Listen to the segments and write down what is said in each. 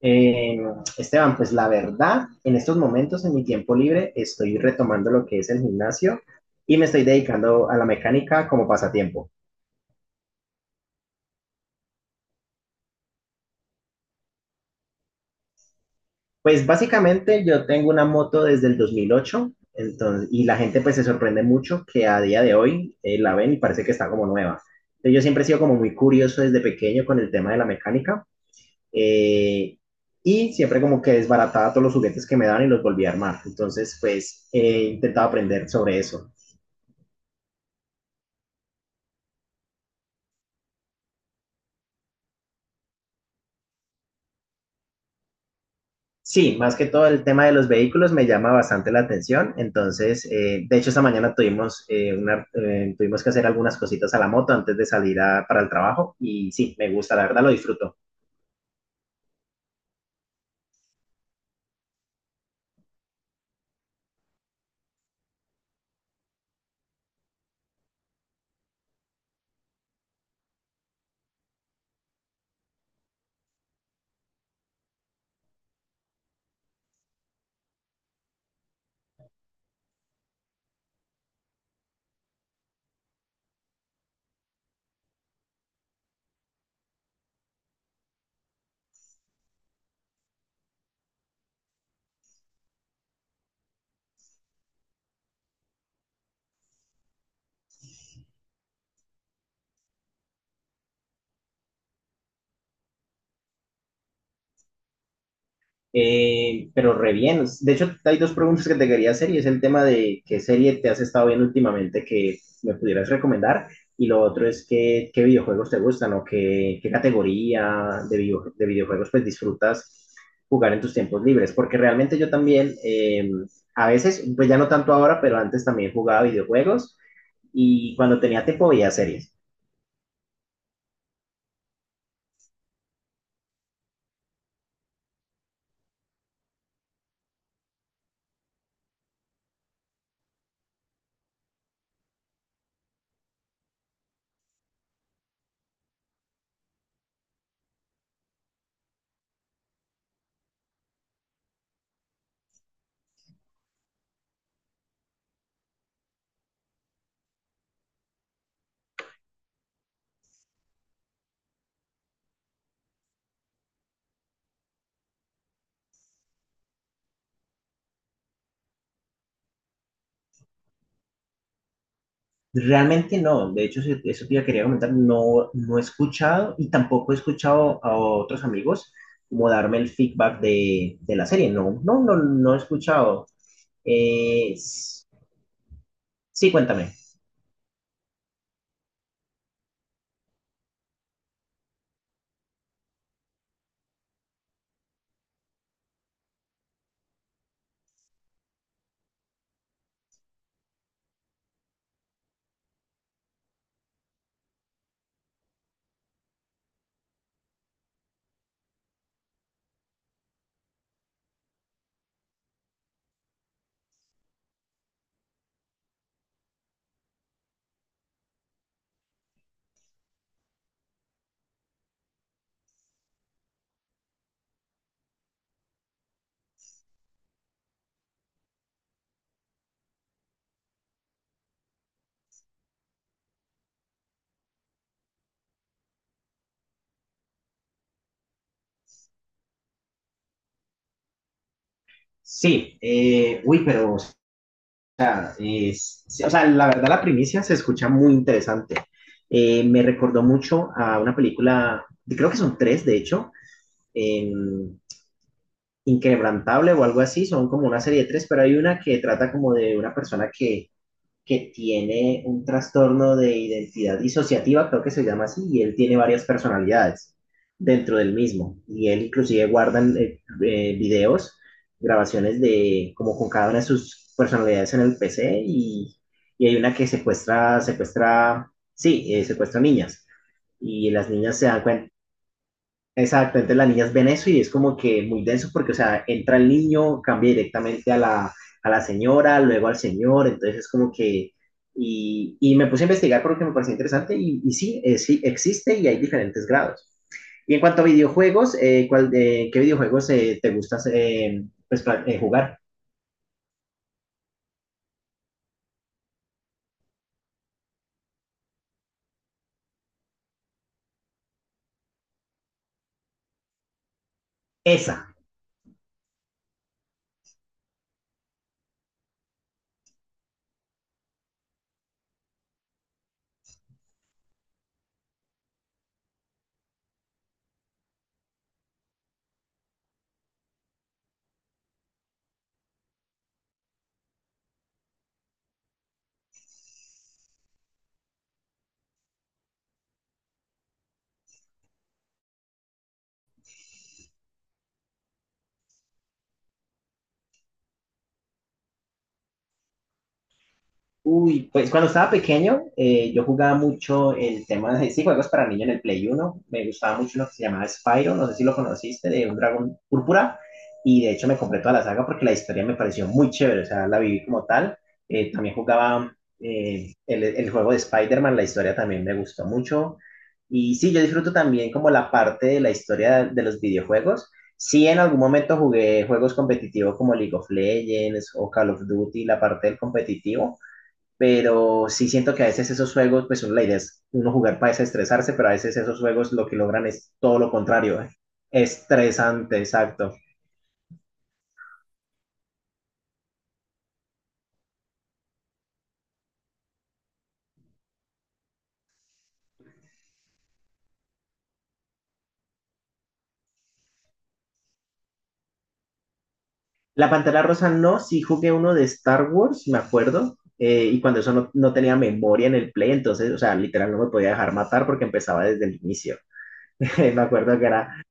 Eh, Esteban, pues la verdad, en estos momentos, en mi tiempo libre, estoy retomando lo que es el gimnasio y me estoy dedicando a la mecánica como pasatiempo. Pues básicamente yo tengo una moto desde el 2008, entonces, y la gente pues se sorprende mucho que a día de hoy la ven y parece que está como nueva. Entonces, yo siempre he sido como muy curioso desde pequeño con el tema de la mecánica eh, y siempre como que desbarataba todos los juguetes que me dan y los volví a armar. Entonces pues he intentado aprender sobre eso. Sí, más que todo el tema de los vehículos me llama bastante la atención. Entonces, de hecho, esta mañana tuvimos que hacer algunas cositas a la moto antes de para el trabajo. Y sí, me gusta, la verdad lo disfruto. Pero re bien. De hecho, hay dos preguntas que te quería hacer y es el tema de qué serie te has estado viendo últimamente que me pudieras recomendar, y lo otro es que, qué videojuegos te gustan qué categoría de videojuegos pues disfrutas jugar en tus tiempos libres. Porque realmente yo también, a veces, pues ya no tanto ahora, pero antes también jugaba videojuegos y cuando tenía tiempo veía series. Realmente no, de hecho quería comentar, no, no he escuchado y tampoco he escuchado a otros amigos como darme el feedback de la serie, no, no he escuchado. Eh, s- sí, cuéntame. Sí, uy, o sea, sí, o sea, la verdad la primicia se escucha muy interesante. Me recordó mucho a una película, creo que son tres, de hecho, Inquebrantable o algo así, son como una serie de tres, pero hay una que trata como de una persona que tiene un trastorno de identidad disociativa, creo que se llama así, y él tiene varias personalidades dentro del mismo, y él inclusive guarda videos, grabaciones de como con cada una de sus personalidades en el PC, y hay una que secuestra, sí, secuestra niñas, y las niñas se dan cuenta. Exacto, entonces las niñas ven eso y es como que muy denso porque, o sea, entra el niño, cambia directamente a la señora, luego al señor, entonces es como que... y me puse a investigar porque me pareció interesante y sí, sí, existe y hay diferentes grados. Y en cuanto a videojuegos, ¿qué videojuegos te gustas jugar? Esa. Uy, pues cuando estaba pequeño, yo jugaba mucho el tema de sí, juegos para niños en el Play Uno. Me gustaba mucho uno que se llamaba Spyro, no sé si lo conociste, de un dragón púrpura. Y de hecho me compré toda la saga porque la historia me pareció muy chévere, o sea, la viví como tal. También jugaba el juego de Spider-Man, la historia también me gustó mucho. Y sí, yo disfruto también como la parte de la historia de los videojuegos. Sí, en algún momento jugué juegos competitivos como League of Legends o Call of Duty, la parte del competitivo, pero sí siento que a veces esos juegos, pues la idea es uno jugar para desestresarse, pero a veces esos juegos lo que logran es todo lo contrario, ¿eh? Estresante, exacto. La Pantera Rosa no, sí jugué uno de Star Wars, me acuerdo, y cuando eso no tenía memoria en el play, entonces, o sea, literal no me podía dejar matar porque empezaba desde el inicio. Me acuerdo que era...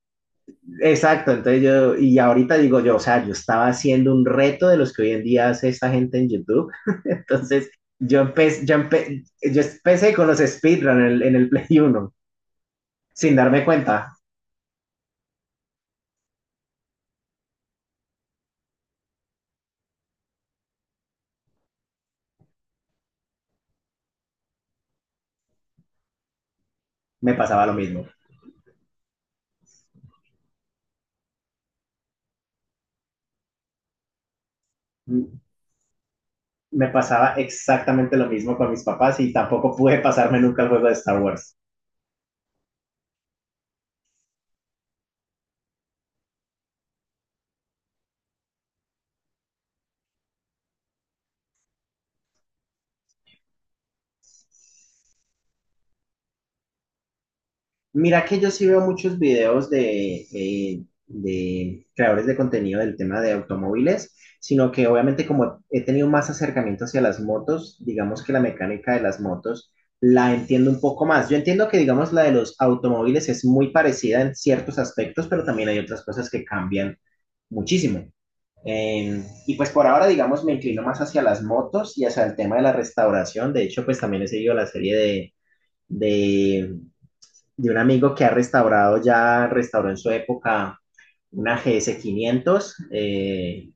Exacto, entonces yo, y ahorita digo yo, o sea, yo estaba haciendo un reto de los que hoy en día hace esta gente en YouTube, entonces yo empecé con los speedrun en el Play Uno, sin darme cuenta. Me pasaba lo mismo. Me pasaba exactamente lo mismo con mis papás y tampoco pude pasarme nunca el juego de Star Wars. Mira que yo sí veo muchos videos de creadores de contenido del tema de automóviles, sino que obviamente como he tenido más acercamiento hacia las motos, digamos que la mecánica de las motos la entiendo un poco más. Yo entiendo que digamos la de los automóviles es muy parecida en ciertos aspectos, pero también hay otras cosas que cambian muchísimo. Eh, y pues por ahora digamos me inclino más hacia las motos y hacia el tema de la restauración. De hecho pues también he seguido la serie de de un amigo que ha restaurado, ya restauró en su época una gs 500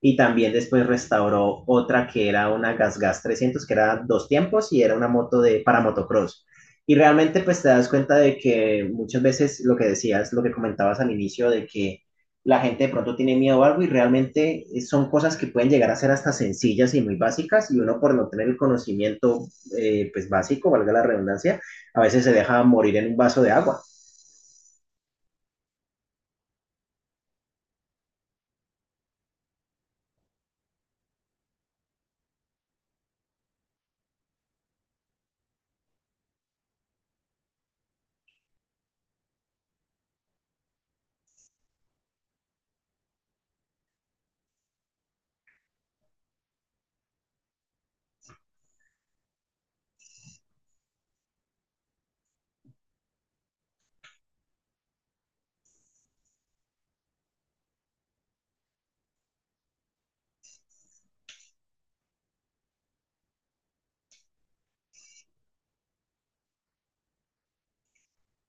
y también después restauró otra que era una Gas Gas 300, que era dos tiempos y era una moto de, para motocross. Y realmente pues te das cuenta de que muchas veces lo que decías, lo que comentabas al inicio, de que la gente de pronto tiene miedo a algo y realmente son cosas que pueden llegar a ser hasta sencillas y muy básicas y uno por no tener el conocimiento pues básico, valga la redundancia, a veces se deja morir en un vaso de agua.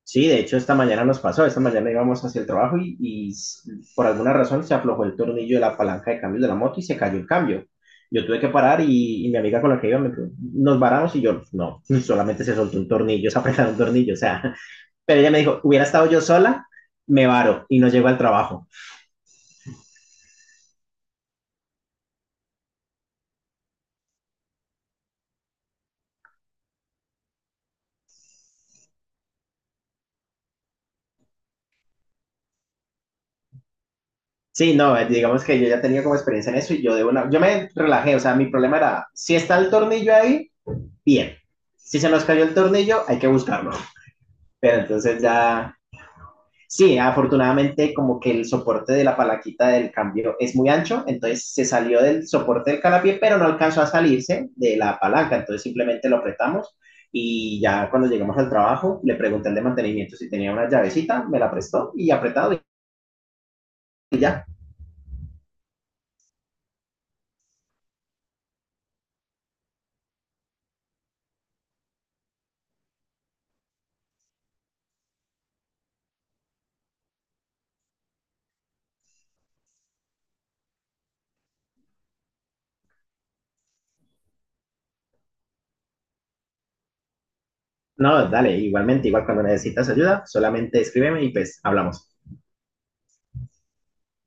Sí, de hecho esta mañana nos pasó, esta mañana íbamos hacia el trabajo y por alguna razón se aflojó el tornillo de la palanca de cambio de la moto y se cayó el cambio. Yo tuve que parar y mi amiga con la que iba me dijo, nos varamos, y yo, no, solamente se soltó un tornillo, se apretó un tornillo, o sea, pero ella me dijo, hubiera estado yo sola, me varo y no llego al trabajo. Sí, no, digamos que yo ya tenía como experiencia en eso y yo de una, yo me relajé, o sea, mi problema era, si está el tornillo ahí, bien, si se nos cayó el tornillo, hay que buscarlo. Pero entonces ya... Sí, afortunadamente como que el soporte de la palanquita del cambio es muy ancho, entonces se salió del soporte del calapié, pero no alcanzó a salirse de la palanca, entonces simplemente lo apretamos y ya cuando llegamos al trabajo le pregunté al de mantenimiento si tenía una llavecita, me la prestó y apretado y ya. No, dale, igualmente, igual cuando necesitas ayuda, solamente escríbeme y pues hablamos.